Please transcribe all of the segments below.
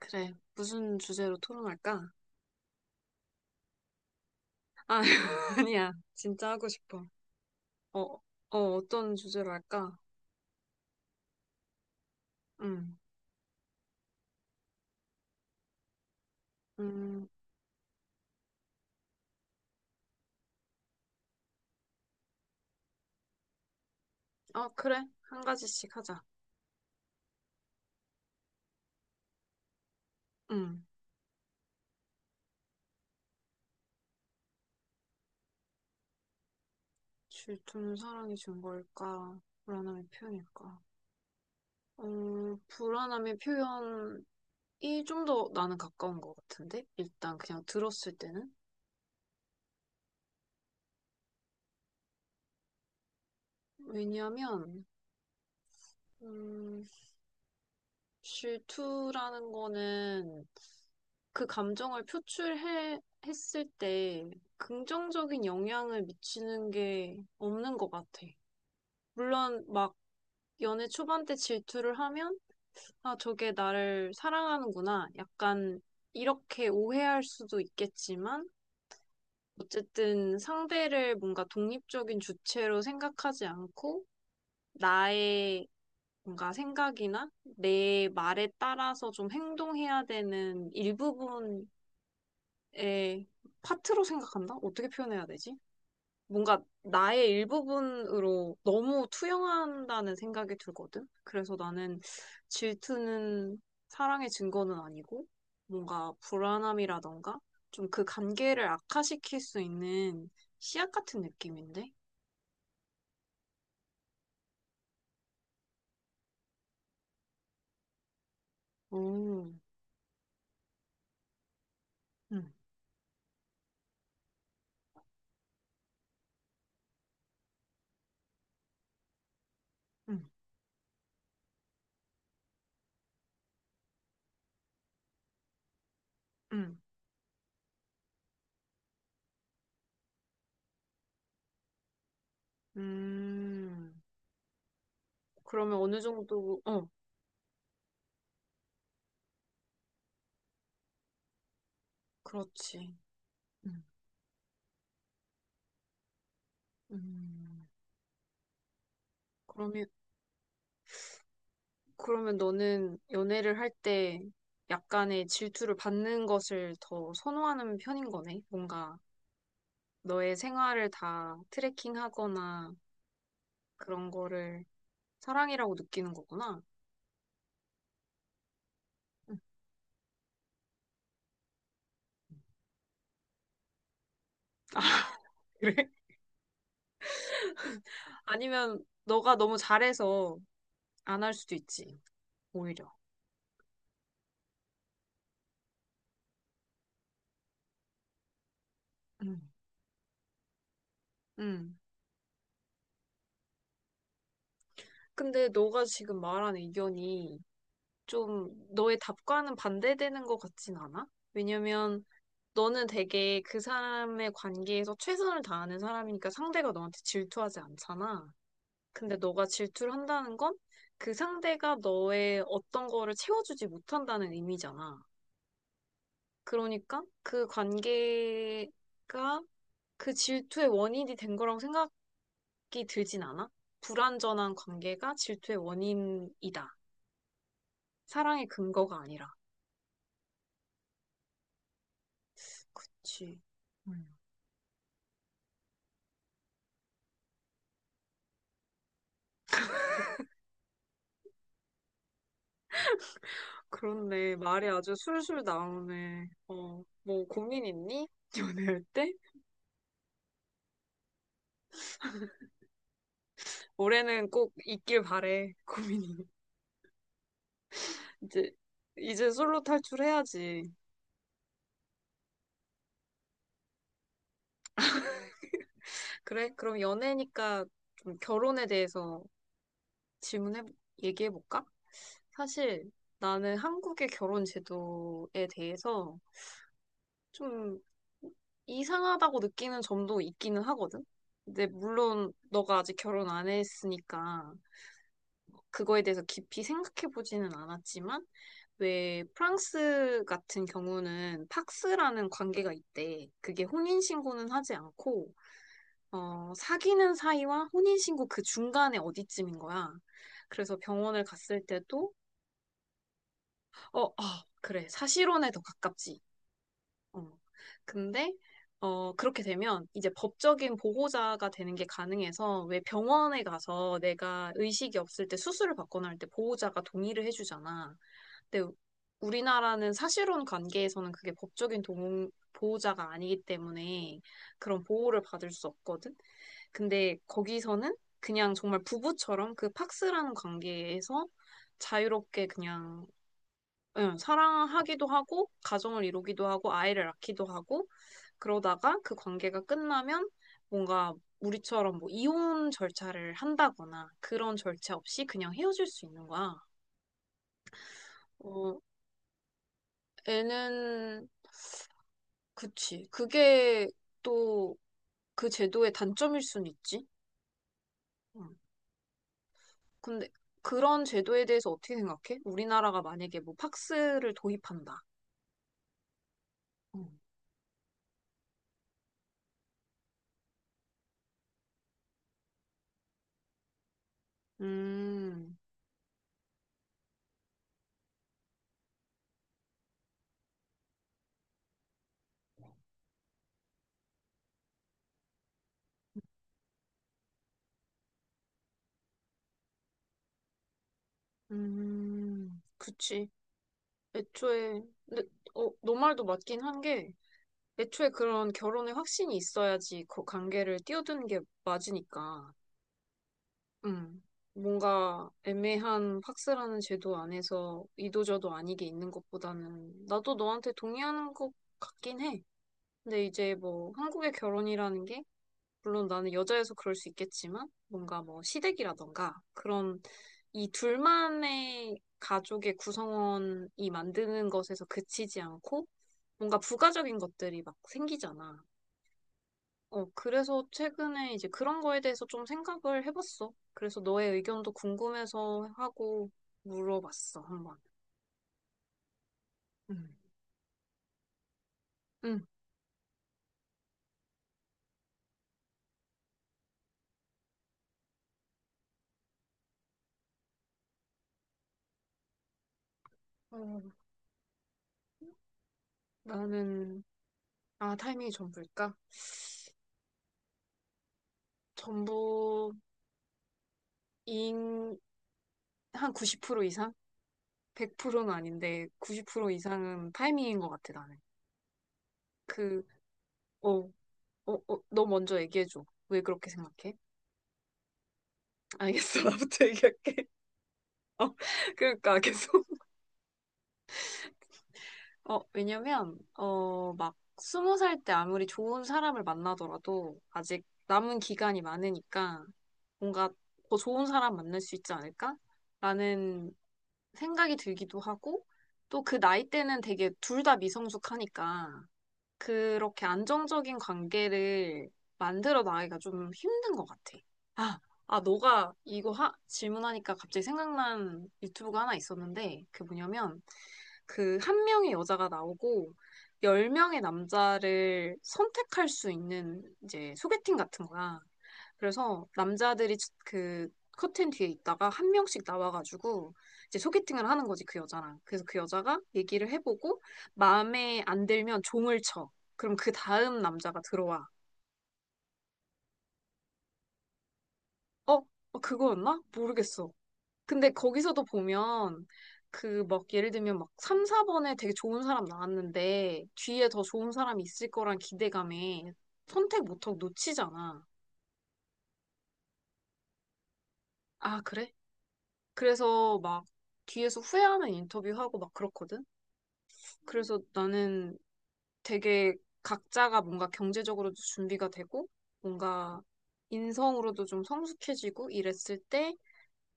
그래. 무슨 주제로 토론할까? 아, 아니야. 진짜 하고 싶어. 어, 어떤 주제로 할까? 음, 음, 어, 그래. 한 가지씩 하자. 음, 질투는 사랑이 준 걸까? 불안함의 표현일까? 불안함의 표현이 좀 더 나는 가까운 것 같은데? 일단 그냥 들었을 때는? 왜냐면, 음, 질투라는 거는 그 감정을 표출해 했을 때 긍정적인 영향을 미치는 게 없는 것 같아. 물론 막 연애 초반 때 질투를 하면 아 저게 나를 사랑하는구나 약간 이렇게 오해할 수도 있겠지만 어쨌든 상대를 뭔가 독립적인 주체로 생각하지 않고 나의 뭔가 생각이나 내 말에 따라서 좀 행동해야 되는 일부분 에 파트로 생각한다? 어떻게 표현해야 되지? 뭔가 나의 일부분으로 너무 투영한다는 생각이 들거든. 그래서 나는 질투는 사랑의 증거는 아니고 뭔가 불안함이라던가 좀 그 관계를 악화시킬 수 있는 씨앗 같은 느낌인데? 오, 응, 응, 응, 음. 그러면 어느 정도, 그렇지. 음, 음. 그러면 그러면 너는 연애를 할 때 약간의 질투를 받는 것을 더 선호하는 편인 거네? 뭔가 너의 생활을 다 트래킹하거나 그런 거를 사랑이라고 느끼는 거구나. 응. 아, 그래? 아니면 너가 너무 잘해서 안 할 수도 있지, 오히려. 응. 응. 근데 너가 지금 말한 의견이 좀 너의 답과는 반대되는 것 같진 않아? 왜냐면 너는 되게 그 사람의 관계에서 최선을 다하는 사람이니까 상대가 너한테 질투하지 않잖아. 근데 너가 질투를 한다는 건 그 상대가 너의 어떤 거를 채워주지 못한다는 의미잖아. 그러니까 그 관계가 그 질투의 원인이 된 거라고 생각 이 들진 않아? 불완전한 관계가 질투의 원인이다. 사랑의 근거가 아니라. 그치. 그렇네. 말이 아주 술술 나오네. 어, 뭐 고민 있니? 연애할 때? 올해는 꼭 있길 바래. 고민이. 이제 이제 솔로 탈출해야지. 그래? 그럼 연애니까 좀 결혼에 대해서 질문해 얘기해 볼까? 사실 나는 한국의 결혼 제도에 대해서 좀 이상하다고 느끼는 점도 있기는 하거든. 근데 물론 너가 아직 결혼 안 했으니까 그거에 대해서 깊이 생각해 보지는 않았지만 왜 프랑스 같은 경우는 팍스라는 관계가 있대. 그게 혼인 신고는 하지 않고 사귀는 사이와 혼인 신고 그 중간에 어디쯤인 거야. 그래서 병원을 갔을 때도 어, 어 그래. 사실혼에 더 가깝지. 어. 근데 그렇게 되면 이제 법적인 보호자가 되는 게 가능해서 왜 병원에 가서 내가 의식이 없을 때 수술을 받거나 할 때 보호자가 동의를 해주잖아. 근데 우리나라는 사실혼 관계에서는 그게 법적인 동, 보호자가 아니기 때문에 그런 보호를 받을 수 없거든. 근데 거기서는 그냥 정말 부부처럼 그 팍스라는 관계에서 자유롭게 그냥 응, 사랑하기도 하고 가정을 이루기도 하고 아이를 낳기도 하고 그러다가 그 관계가 끝나면 뭔가 우리처럼 뭐 이혼 절차를 한다거나 그런 절차 없이 그냥 헤어질 수 있는 거야. 어, 애는 그치. 그게 또 그 제도의 단점일 순 있지. 음. 근데 그런 제도에 대해서 어떻게 생각해? 우리나라가 만약에 뭐 팍스를 도입한다. 음, 음, 그치. 애초에, 근데, 너 말도 맞긴 한 게, 애초에 그런 결혼의 확신이 있어야지 그 관계를 뛰어드는 게 맞으니까. 음, 뭔가 애매한 팍스라는 제도 안에서 이도저도 아니게 있는 것보다는 나도 너한테 동의하는 것 같긴 해. 근데 이제 뭐 한국의 결혼이라는 게 물론 나는 여자여서 그럴 수 있겠지만 뭔가 뭐 시댁이라던가 그런 이 둘만의 가족의 구성원이 만드는 것에서 그치지 않고 뭔가 부가적인 것들이 막 생기잖아. 어, 그래서 최근에 이제 그런 거에 대해서 좀 생각을 해봤어. 그래서 너의 의견도 궁금해서 하고 물어봤어, 한번. 응 응. 어, 나는, 타이밍이 전부일까? 전부, 인, 한 90% 이상? 100%는 아닌데, 90% 이상은 타이밍인 것 같아, 나는. 그, 어, 너 먼저 얘기해줘. 왜 그렇게 생각해? 알겠어, 나부터 얘기할게. 어, 그러니까, 계속. 왜냐면, 20살 때 아무리 좋은 사람을 만나더라도, 아직 남은 기간이 많으니까, 뭔가 더 좋은 사람 만날 수 있지 않을까? 라는 생각이 들기도 하고, 또 그 나이 때는 되게 둘 다 미성숙하니까, 그렇게 안정적인 관계를 만들어 나가기가 좀 힘든 것 같아. 아, 아, 너가 이거 질문하니까 갑자기 생각난 유튜브가 하나 있었는데, 그 뭐냐면, 그 한 명의 여자가 나오고, 열 명의 남자를 선택할 수 있는 이제 소개팅 같은 거야. 그래서 남자들이 그 커튼 뒤에 있다가 한 명씩 나와가지고 이제 소개팅을 하는 거지, 그 여자랑. 그래서 그 여자가 얘기를 해보고 마음에 안 들면 종을 쳐. 그럼 그 다음 남자가 들어와. 어? 그거였나? 모르겠어. 근데 거기서도 보면 그 막 예를 들면 막 3, 4번에 되게 좋은 사람 나왔는데 뒤에 더 좋은 사람이 있을 거란 기대감에 선택 못하고 놓치잖아. 아, 그래? 그래서 막 뒤에서 후회하는 인터뷰하고 막 그렇거든? 그래서 나는 되게 각자가 뭔가 경제적으로도 준비가 되고 뭔가 인성으로도 좀 성숙해지고 이랬을 때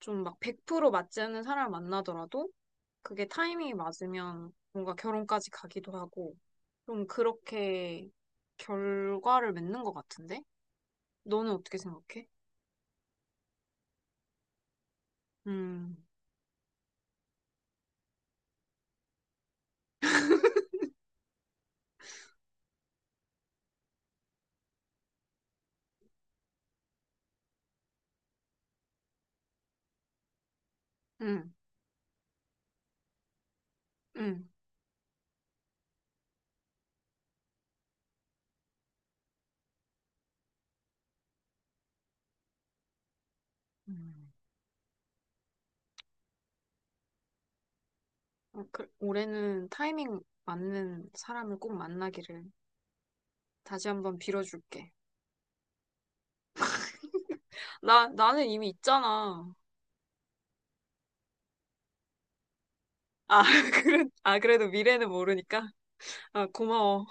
좀 막 100% 맞지 않는 사람을 만나더라도 그게 타이밍이 맞으면 뭔가 결혼까지 가기도 하고 좀 그렇게 결과를 맺는 것 같은데? 너는 어떻게 생각해? 음, 음, 음. 음. 그, 올해는 타이밍 맞는 사람을 꼭 만나기를 다시 한번 빌어줄게. 나는 이미 있잖아. 아, 그래, 아, 그래도 미래는 모르니까. 아, 고마워.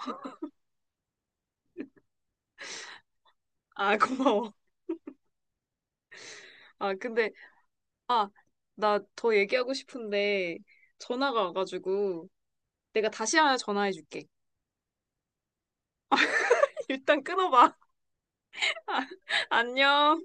아, 고마워. 아, 근데 아, 나 더 얘기하고 싶은데 전화가 와가지고 내가 다시 하나 전화해 줄게. 일단 끊어봐. 안녕.